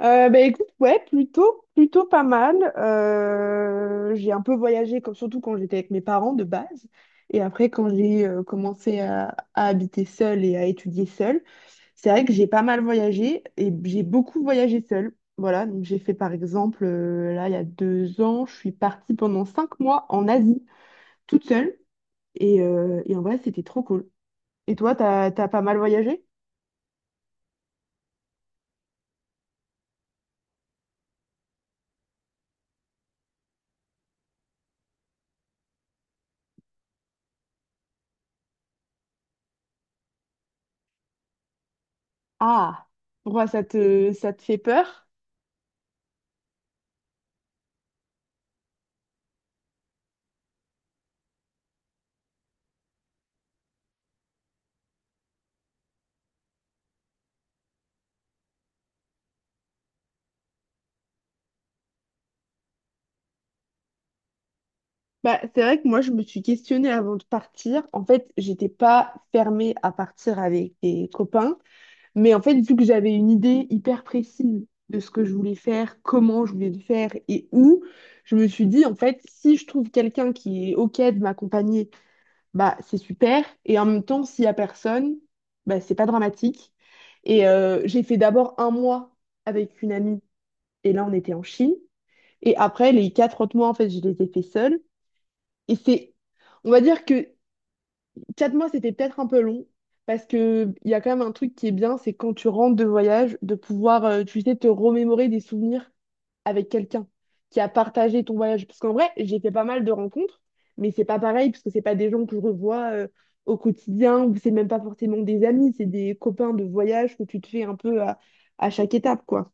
Bah, écoute, ouais, plutôt pas mal. J'ai un peu voyagé, comme, surtout quand j'étais avec mes parents de base. Et après, quand j'ai commencé à habiter seule et à étudier seule, c'est vrai que j'ai pas mal voyagé et j'ai beaucoup voyagé seule. Voilà, donc j'ai fait par exemple, là, il y a 2 ans, je suis partie pendant 5 mois en Asie, toute seule. Et en vrai, c'était trop cool. Et toi, t'as pas mal voyagé? Ah, pourquoi ça te fait peur? Bah, c'est vrai que moi, je me suis questionnée avant de partir. En fait, j'étais pas fermée à partir avec des copains, mais en fait, vu que j'avais une idée hyper précise de ce que je voulais faire, comment je voulais le faire et où, je me suis dit, en fait, si je trouve quelqu'un qui est OK de m'accompagner, bah, c'est super. Et en même temps, s'il y a personne, bah, c'est pas dramatique. Et j'ai fait d'abord un mois avec une amie, et là, on était en Chine. Et après, les 4 autres mois, en fait, je les ai fait seuls. Et c'est, on va dire que 4 mois, c'était peut-être un peu long, parce que il y a quand même un truc qui est bien, c'est quand tu rentres de voyage, de pouvoir, tu sais, te remémorer des souvenirs avec quelqu'un qui a partagé ton voyage. Parce qu'en vrai, j'ai fait pas mal de rencontres, mais c'est pas pareil, parce que c'est pas des gens que je revois, au quotidien, ou c'est même pas forcément des amis, c'est des copains de voyage que tu te fais un peu à chaque étape, quoi.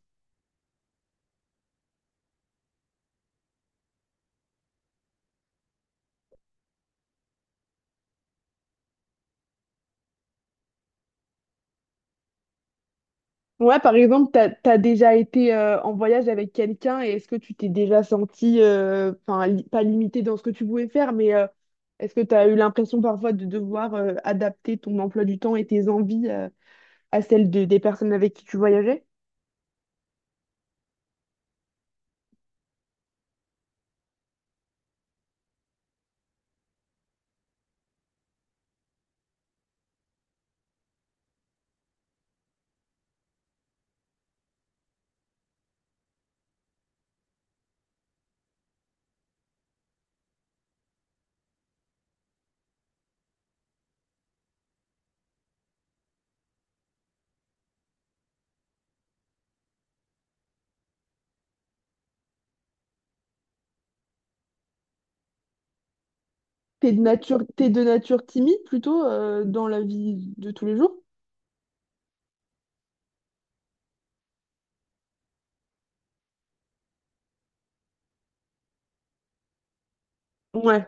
Ouais, par exemple, t'as déjà été en voyage avec quelqu'un, et est-ce que tu t'es déjà senti, enfin, pas limité dans ce que tu pouvais faire, mais est-ce que tu as eu l'impression parfois de devoir adapter ton emploi du temps et tes envies à celles des personnes avec qui tu voyageais? T'es de nature timide plutôt dans la vie de tous les jours? Ouais.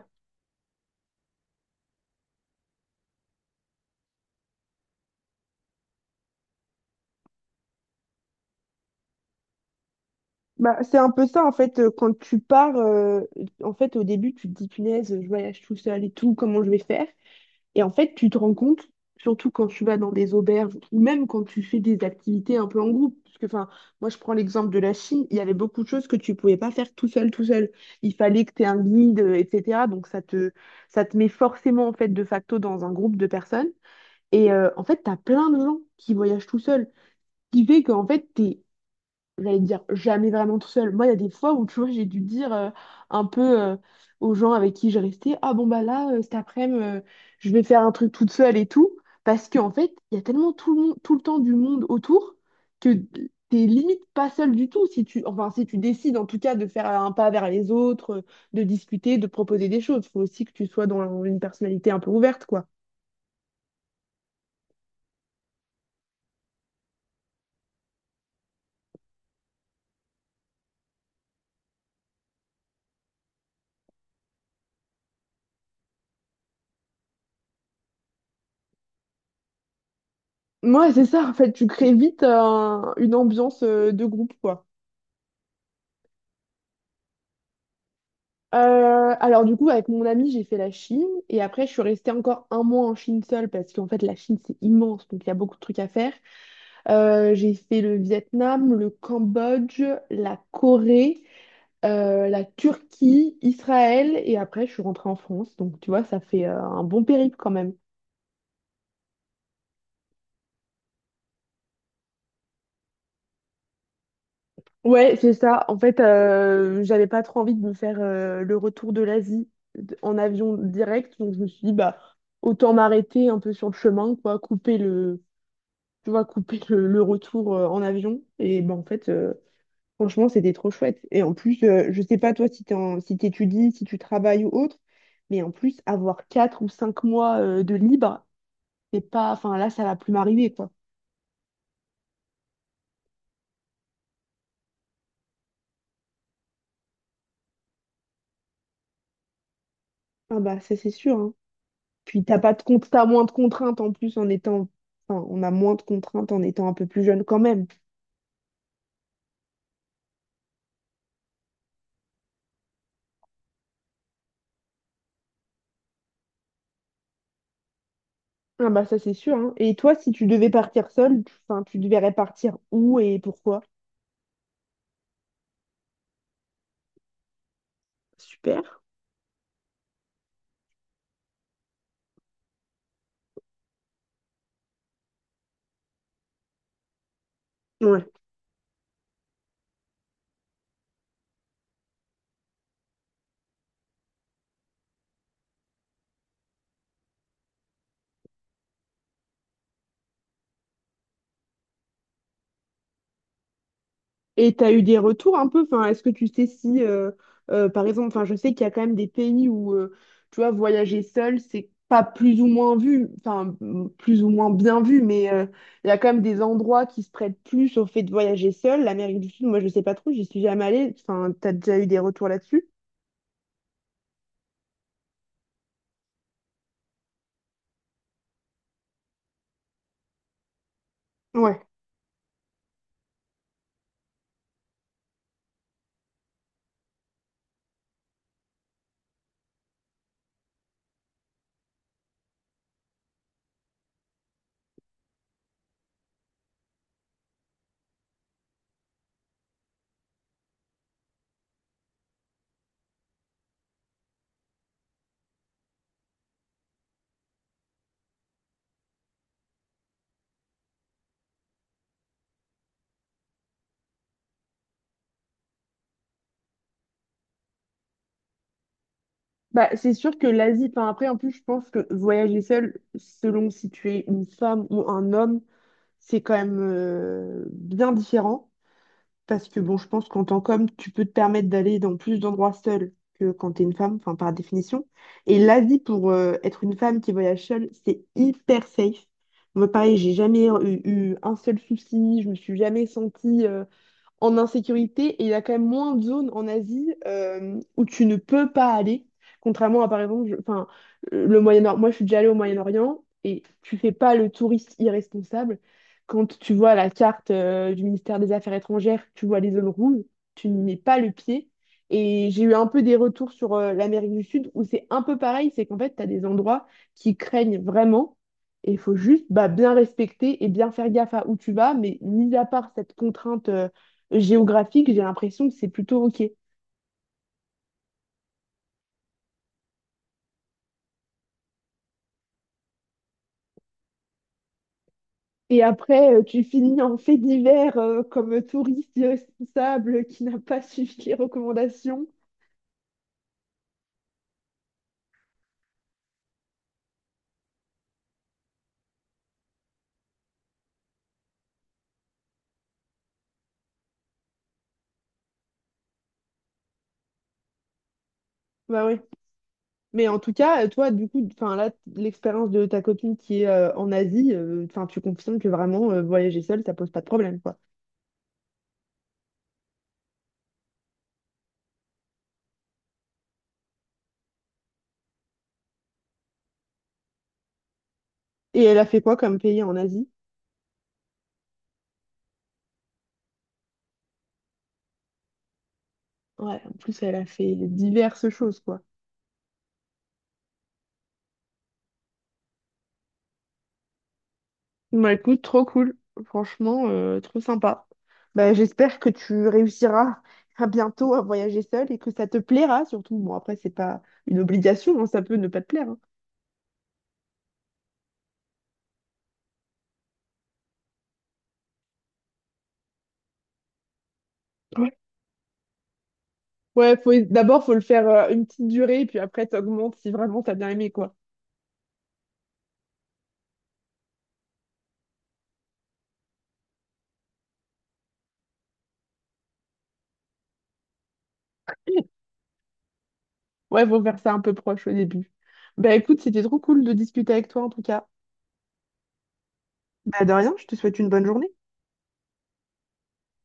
Bah, c'est un peu ça en fait quand tu pars en fait au début tu te dis, punaise, je voyage tout seul et tout, comment je vais faire, et en fait tu te rends compte, surtout quand tu vas dans des auberges, ou même quand tu fais des activités un peu en groupe. Parce que, enfin, moi je prends l'exemple de la Chine, il y avait beaucoup de choses que tu pouvais pas faire tout seul tout seul, il fallait que tu aies un guide etc. Donc ça te met forcément en fait de facto dans un groupe de personnes, et en fait tu as plein de gens qui voyagent tout seuls, qui fait qu'en fait, t'es, j'allais dire, jamais vraiment tout seul. Moi, il y a des fois où, tu vois, j'ai dû dire un peu aux gens avec qui je restais, ah bon bah là, cet après-midi, je vais faire un truc toute seule et tout, parce qu'en fait, il y a tellement tout le monde, tout le temps du monde autour, que t'es limite pas seule du tout si tu, enfin si tu décides en tout cas de faire un pas vers les autres, de discuter, de proposer des choses. Il faut aussi que tu sois dans une personnalité un peu ouverte, quoi. Moi, c'est ça, en fait, tu crées vite une ambiance de groupe, quoi. Alors du coup, avec mon ami, j'ai fait la Chine, et après, je suis restée encore un mois en Chine seule, parce qu'en fait, la Chine, c'est immense, donc il y a beaucoup de trucs à faire. J'ai fait le Vietnam, le Cambodge, la Corée, la Turquie, Israël, et après, je suis rentrée en France. Donc tu vois, ça fait un bon périple quand même. Ouais, c'est ça. En fait, j'avais pas trop envie de me faire le retour de l'Asie en avion direct, donc je me suis dit, bah, autant m'arrêter un peu sur le chemin, quoi, couper le tu vois, couper le retour en avion. Et ben, en fait, franchement, c'était trop chouette. Et en plus, je sais pas toi, si si t'étudies, si tu travailles ou autre, mais en plus, avoir 4 ou 5 mois de libre, c'est pas... Enfin, là, ça va plus m'arriver, quoi. Ah bah, ça, c'est sûr, hein. Puis t'as pas de compte, t'as moins de contraintes en plus en étant... Enfin, on a moins de contraintes en étant un peu plus jeune quand même. Ah bah, ça, c'est sûr, hein. Et toi, si tu devais partir seule enfin, tu devrais partir où et pourquoi? Super. Ouais. Et tu as eu des retours un peu, enfin, est-ce que tu sais si, par exemple, enfin, je sais qu'il y a quand même des pays où, tu vois, voyager seul, c'est pas plus ou moins vu, enfin, plus ou moins bien vu, mais il y a quand même des endroits qui se prêtent plus au fait de voyager seul. L'Amérique du Sud, moi, je sais pas trop, j'y suis jamais allée, enfin, tu as déjà eu des retours là-dessus? Ouais. Bah, c'est sûr que l'Asie, enfin, après, en plus, je pense que voyager seul, selon si tu es une femme ou un homme, c'est quand même bien différent. Parce que bon, je pense qu'en tant qu'homme, tu peux te permettre d'aller dans plus d'endroits seul que quand t'es une femme, enfin par définition. Et l'Asie, pour être une femme qui voyage seule, c'est hyper safe. Moi, pareil, j'ai jamais eu un seul souci, je me suis jamais sentie en insécurité, et il y a quand même moins de zones en Asie où tu ne peux pas aller, contrairement à par exemple, enfin, le Moyen-Orient. Moi, je suis déjà allée au Moyen-Orient, et tu fais pas le touriste irresponsable. Quand tu vois la carte du ministère des Affaires étrangères, tu vois les zones rouges, tu n'y mets pas le pied. Et j'ai eu un peu des retours sur l'Amérique du Sud, où c'est un peu pareil, c'est qu'en fait, tu as des endroits qui craignent vraiment. Et il faut juste, bah, bien respecter et bien faire gaffe à où tu vas, mais mis à part cette contrainte géographique, j'ai l'impression que c'est plutôt OK. Et après, tu finis en fait divers comme touriste irresponsable qui n'a pas suivi les recommandations. Bah ouais. Mais en tout cas, toi, du coup, enfin là, l'expérience de ta copine qui est en Asie, enfin, tu confirmes que vraiment voyager seule, ça pose pas de problème, quoi. Et elle a fait quoi comme pays en Asie? Ouais, en plus, elle a fait diverses choses, quoi. Bah écoute, trop cool. Franchement, trop sympa. Bah, j'espère que tu réussiras à bientôt à voyager seul, et que ça te plaira surtout. Bon, après, c'est pas une obligation, hein, ça peut ne pas te plaire. Hein. Ouais, ouais, d'abord, faut le faire une petite durée, puis après, t'augmentes si vraiment t'as bien aimé, quoi. Ouais, faut faire ça un peu proche au début. Bah écoute, c'était trop cool de discuter avec toi en tout cas. Bah de rien, je te souhaite une bonne journée.